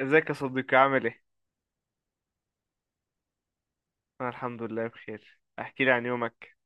ازيك يا صديقي، عامل ايه؟ انا الحمد لله بخير، احكي لي عن يومك.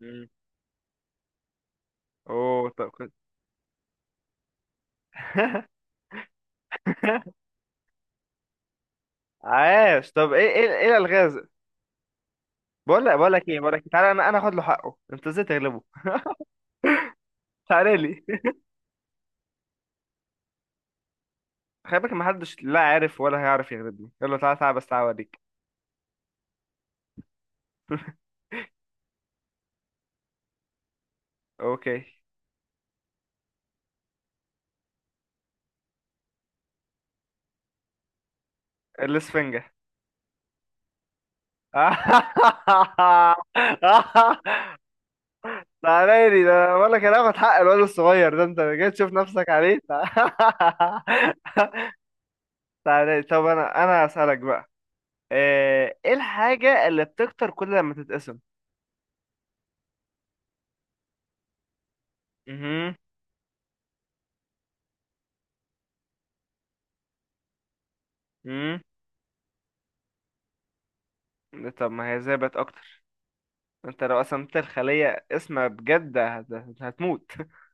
مم. اوه، طب كنت. عاش. طب ايه الالغاز؟ بقول لك إيه، تعالى، انا اخد له حقه. انت ازاي تغلبه؟ تعالى لي. خلي بالك، محدش لا عارف ولا هيعرف يغلبني، يلا تعالى تعالى بس تعالى اوريك. اوكي. الاسفنجة. تعالى لي، ده أنا بقول لك انا هاخد حق الواد الصغير ده. انت جاي تشوف نفسك عليه؟ تعالى لي. طب انا هسألك بقى. ايه الحاجة اللي بتكتر كل لما تتقسم؟ مهم. مهم. طب ما هي ازاي بقت اكتر؟ انت لو قسمت الخلية اسمها بجد هتموت.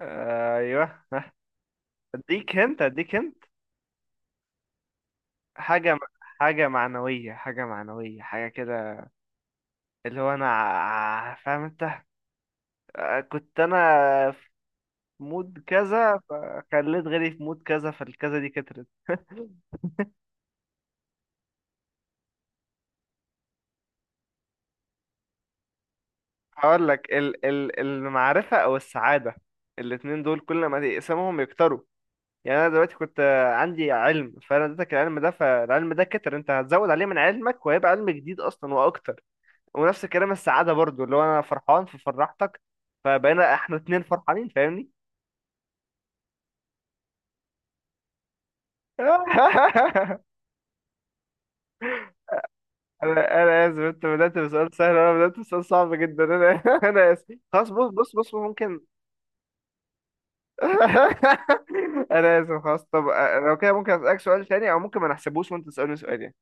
ايوه. اديك هنت اديك هنت. حاجة معنوية حاجة معنوية حاجة كده. اللي هو انا فاهم انت؟ كنت انا في مود كذا، فخليت غيري في مود كذا، فالكذا دي كترت. هقول لك ال المعرفة او السعادة، الاتنين دول كل ما تقسمهم يكتروا. يعني انا دلوقتي كنت عندي علم، فانا اديتك العلم ده، فالعلم ده كتر، انت هتزود عليه من علمك وهيبقى علم جديد اصلا واكتر. ونفس الكلام السعاده برضو، اللي هو انا فرحان ففرحتك، فبقينا احنا اتنين فرحانين، فاهمني؟ انا اسف، انت بدات بسؤال سهل وانا بدات بسؤال صعب جدا. انا انا اسف خلاص، بص بص بص ممكن. انا اسف خلاص. طب لو كده ممكن اسالك سؤال تاني، او ممكن ما نحسبوش وانت تسالني سؤال يعني.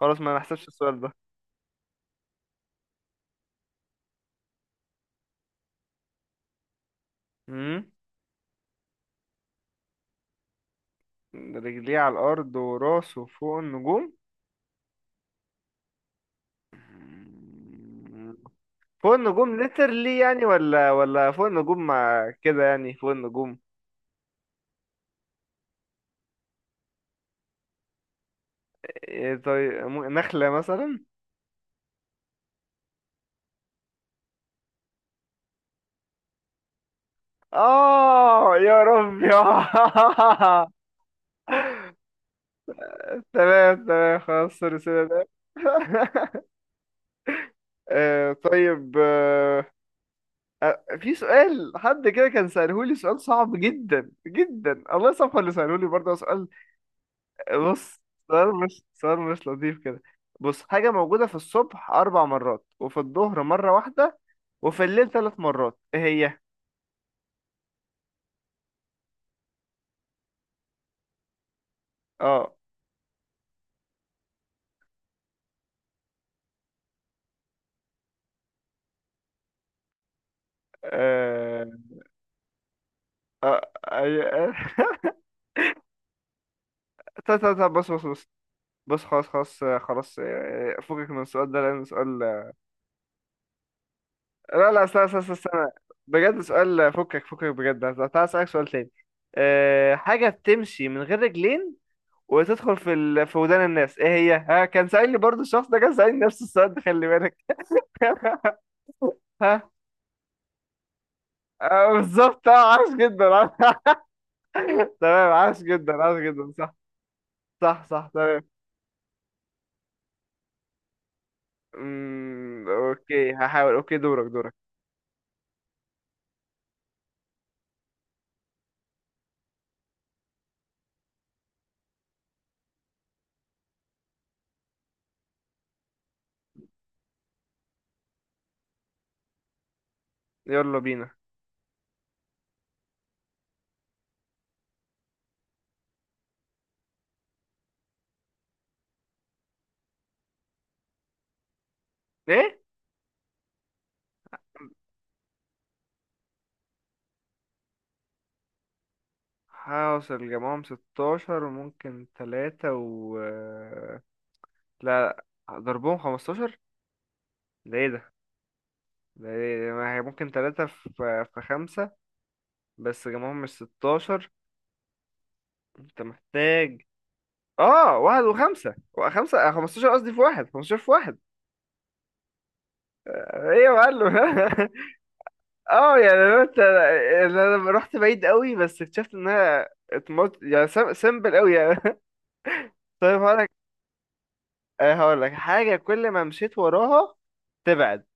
خلاص، ما نحسبش السؤال ده. مم. رجليه على الأرض وراسه فوق النجوم. مم. فوق النجوم ليترلي يعني ولا فوق النجوم مع كده يعني فوق النجوم؟ إيه، طيب نخلة مثلا. آه يا رب. تمام تمام، خلاص الرسالة ده. طيب، في سؤال حد كده كان سألهولي، سؤال صعب جدا جدا، الله يصفى اللي سألهولي برضه سؤال. بص، سؤال مش لطيف كده. بص، حاجة موجودة في الصبح أربع مرات، وفي الظهر مرة واحدة، وفي الليل ثلاث مرات، إيه هي؟ اه. آه، آه، أي- طب طب طب، بص بص بص، بص خلاص خلاص، خلاص، فكك من السؤال ده لأن سؤال. لا لا، استنى استنى استنى، بجد سؤال فكك فكك بجد. تعالى أسألك سؤال تاني. حاجة بتمشي من غير رجلين وتدخل في ودان الناس، ايه هي؟ ها، كان سألني برضو الشخص ده كان سألني نفس السؤال ده، خلي بالك. ها. بالظبط، اه، عاش جدا. تمام عاش جدا عاش جدا، صح. صح صح تمام. اوكي هحاول، اوكي، دورك دورك. يلا بينا. ايه؟ هوصل جمعهم 16 وممكن تلاتة. لا، ضربهم 15، ده ايه ده؟ ده إيه؟ ما هي ممكن تلاتة في خمسة بس جمعهم مش 16. انت محتاج. اه، واحد وخمسة وخمسة 15، قصدي في واحد، 15 في واحد. ايه يا معلم؟ اه يعني لو انت يعني انا لما رحت بعيد قوي بس اكتشفت انها اتمط يعني سمبل قوي يعني. طيب هقول لك. هقول لك حاجه كل ما مشيت وراها تبعد،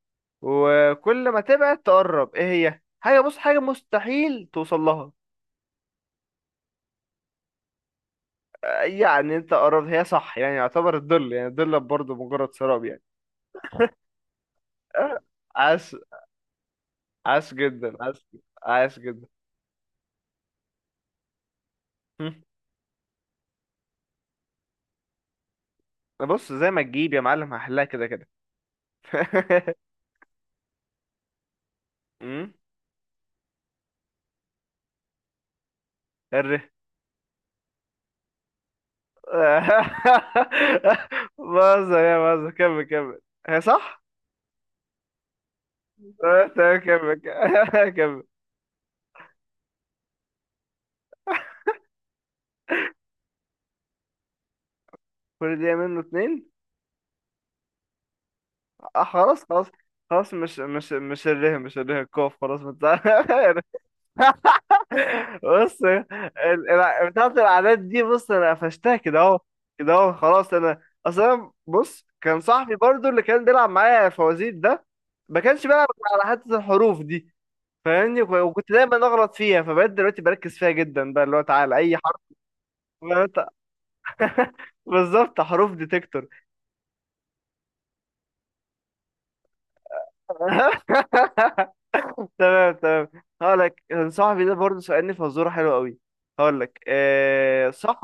وكل ما تبعد تقرب، ايه هي؟ حاجه، بص حاجه مستحيل توصل لها. يعني انت قربت، هي صح يعني، يعتبر الظل، يعني الظل برضه مجرد سراب يعني. آه، عاش. عاش جدا عاش. عاش جدا. بص زي ما تجيب يا معلم هحلها كده كده. مم. الرخام. بهزر يا بهزر، كمل كمل. هي صح؟ تمام تمام، كمل. كمل. كل دقيقة منه اتنين. خلاص خلاص. خلاص مش الره، مش الره الكوف، خلاص ما انت- بص بتاعت الأعداد دي، بص أنا قفشتها كده أهو. كده أهو، خلاص أنا أصلا، بص كان صاحبي برضو اللي كان بيلعب معايا فوازير ده ما كانش بيلعب على حتة الحروف دي، فاهمني؟ وكنت دايما اغلط فيها، فبقيت دلوقتي بركز فيها جدا، بقى اللي هو تعالى اي حرف. غلط- بالظبط، حروف ديتكتور. تمام تمام، هقول لك. صاحبي ده برضه سألني فزوره حلوه قوي، هقول لك. آه صح،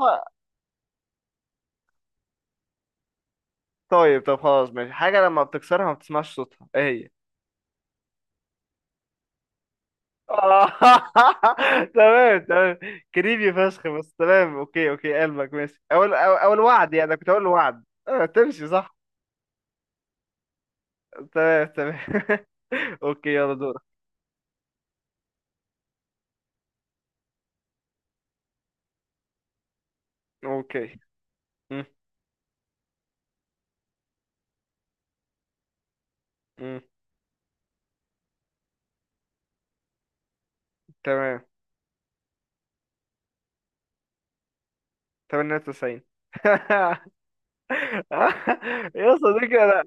طيب طب خلاص ماشي، حاجه لما بتكسرها ما بتسمعش صوتها، ايه هي؟ آه. تمام تمام، كريبي فشخ، بس تمام، اوكي اوكي قلبك ماشي. اول اول أول وعد يعني، أنا كنت اقول وعد آه تمشي، صح. تمام تمام. اوكي يلا دورك. اوكي. مم. مم. تمام. 98. يا صديقي، انا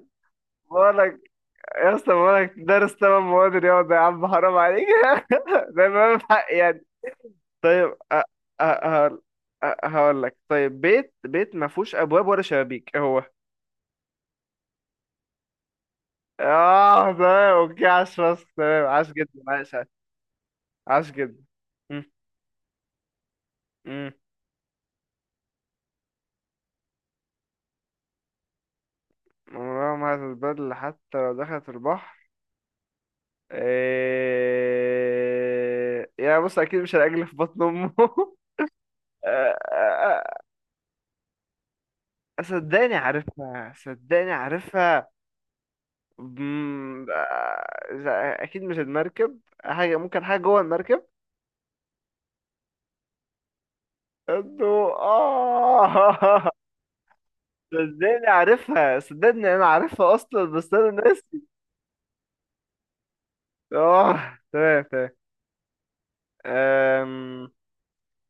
بقولك، يا اسطى بقولك دارس تمام مواد رياضة يا عم، حرام عليك. ده ما حق يعني. طيب، هقول، هقول لك طيب. بيت بيت ما فيهوش ابواب ولا شبابيك، إيه هو؟ اه تمام، اوكي، عاش فشخ تمام، عاش جدا عاش عاش. عاش جدا. مم. مم. عمرها ما هتتبدل حتى لو دخلت البحر. إيه، يعني بص اكيد مش العجل في بطن امه. آه، آه، صدقني عارفها، صدقني عارفها. مم، آه، اكيد مش المركب، حاجه ممكن حاجه جوه المركب. الضوء، اه. صدقني عارفها، صدقني انا عارفها اصلا بس انا ناسي. اه تمام تمام. أم،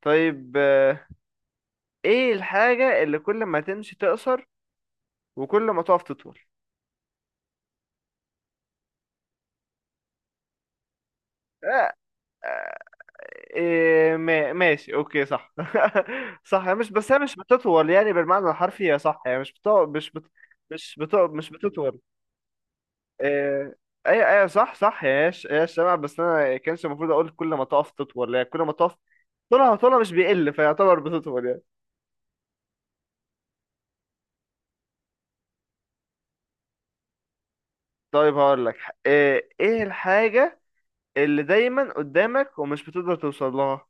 طيب، ايه الحاجه اللي كل ما تمشي تقصر وكل ما تقف تطول؟ إيه ماشي، اوكي، صح. صح، هي مش، بس هي مش بتطول يعني بالمعنى الحرفي، هي صح، هي مش بتو... مش بت... مش بتو... مش بتطول. إيه، ايوه ايوه صح صح، هي هي الشمع، بس انا كانش المفروض اقول كل ما تقف تطول، يعني كل ما تقف طولها طولها مش بيقل فيعتبر بتطول يعني. طيب هقول لك. ايه الحاجة اللي دايما قدامك ومش بتقدر توصل لها؟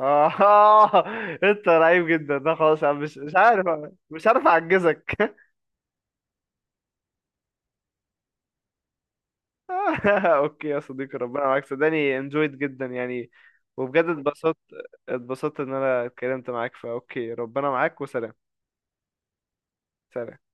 آه، انت رهيب جدا، ده خلاص أنا مش عارف. مش عارف اعجزك. اوكي يا صديقي، ربنا معاك، صدقني enjoyed جدا يعني. وبجد اتبسطت، اتبسطت ان انا اتكلمت معاك، فاوكي ربنا معاك، وسلام. سلام.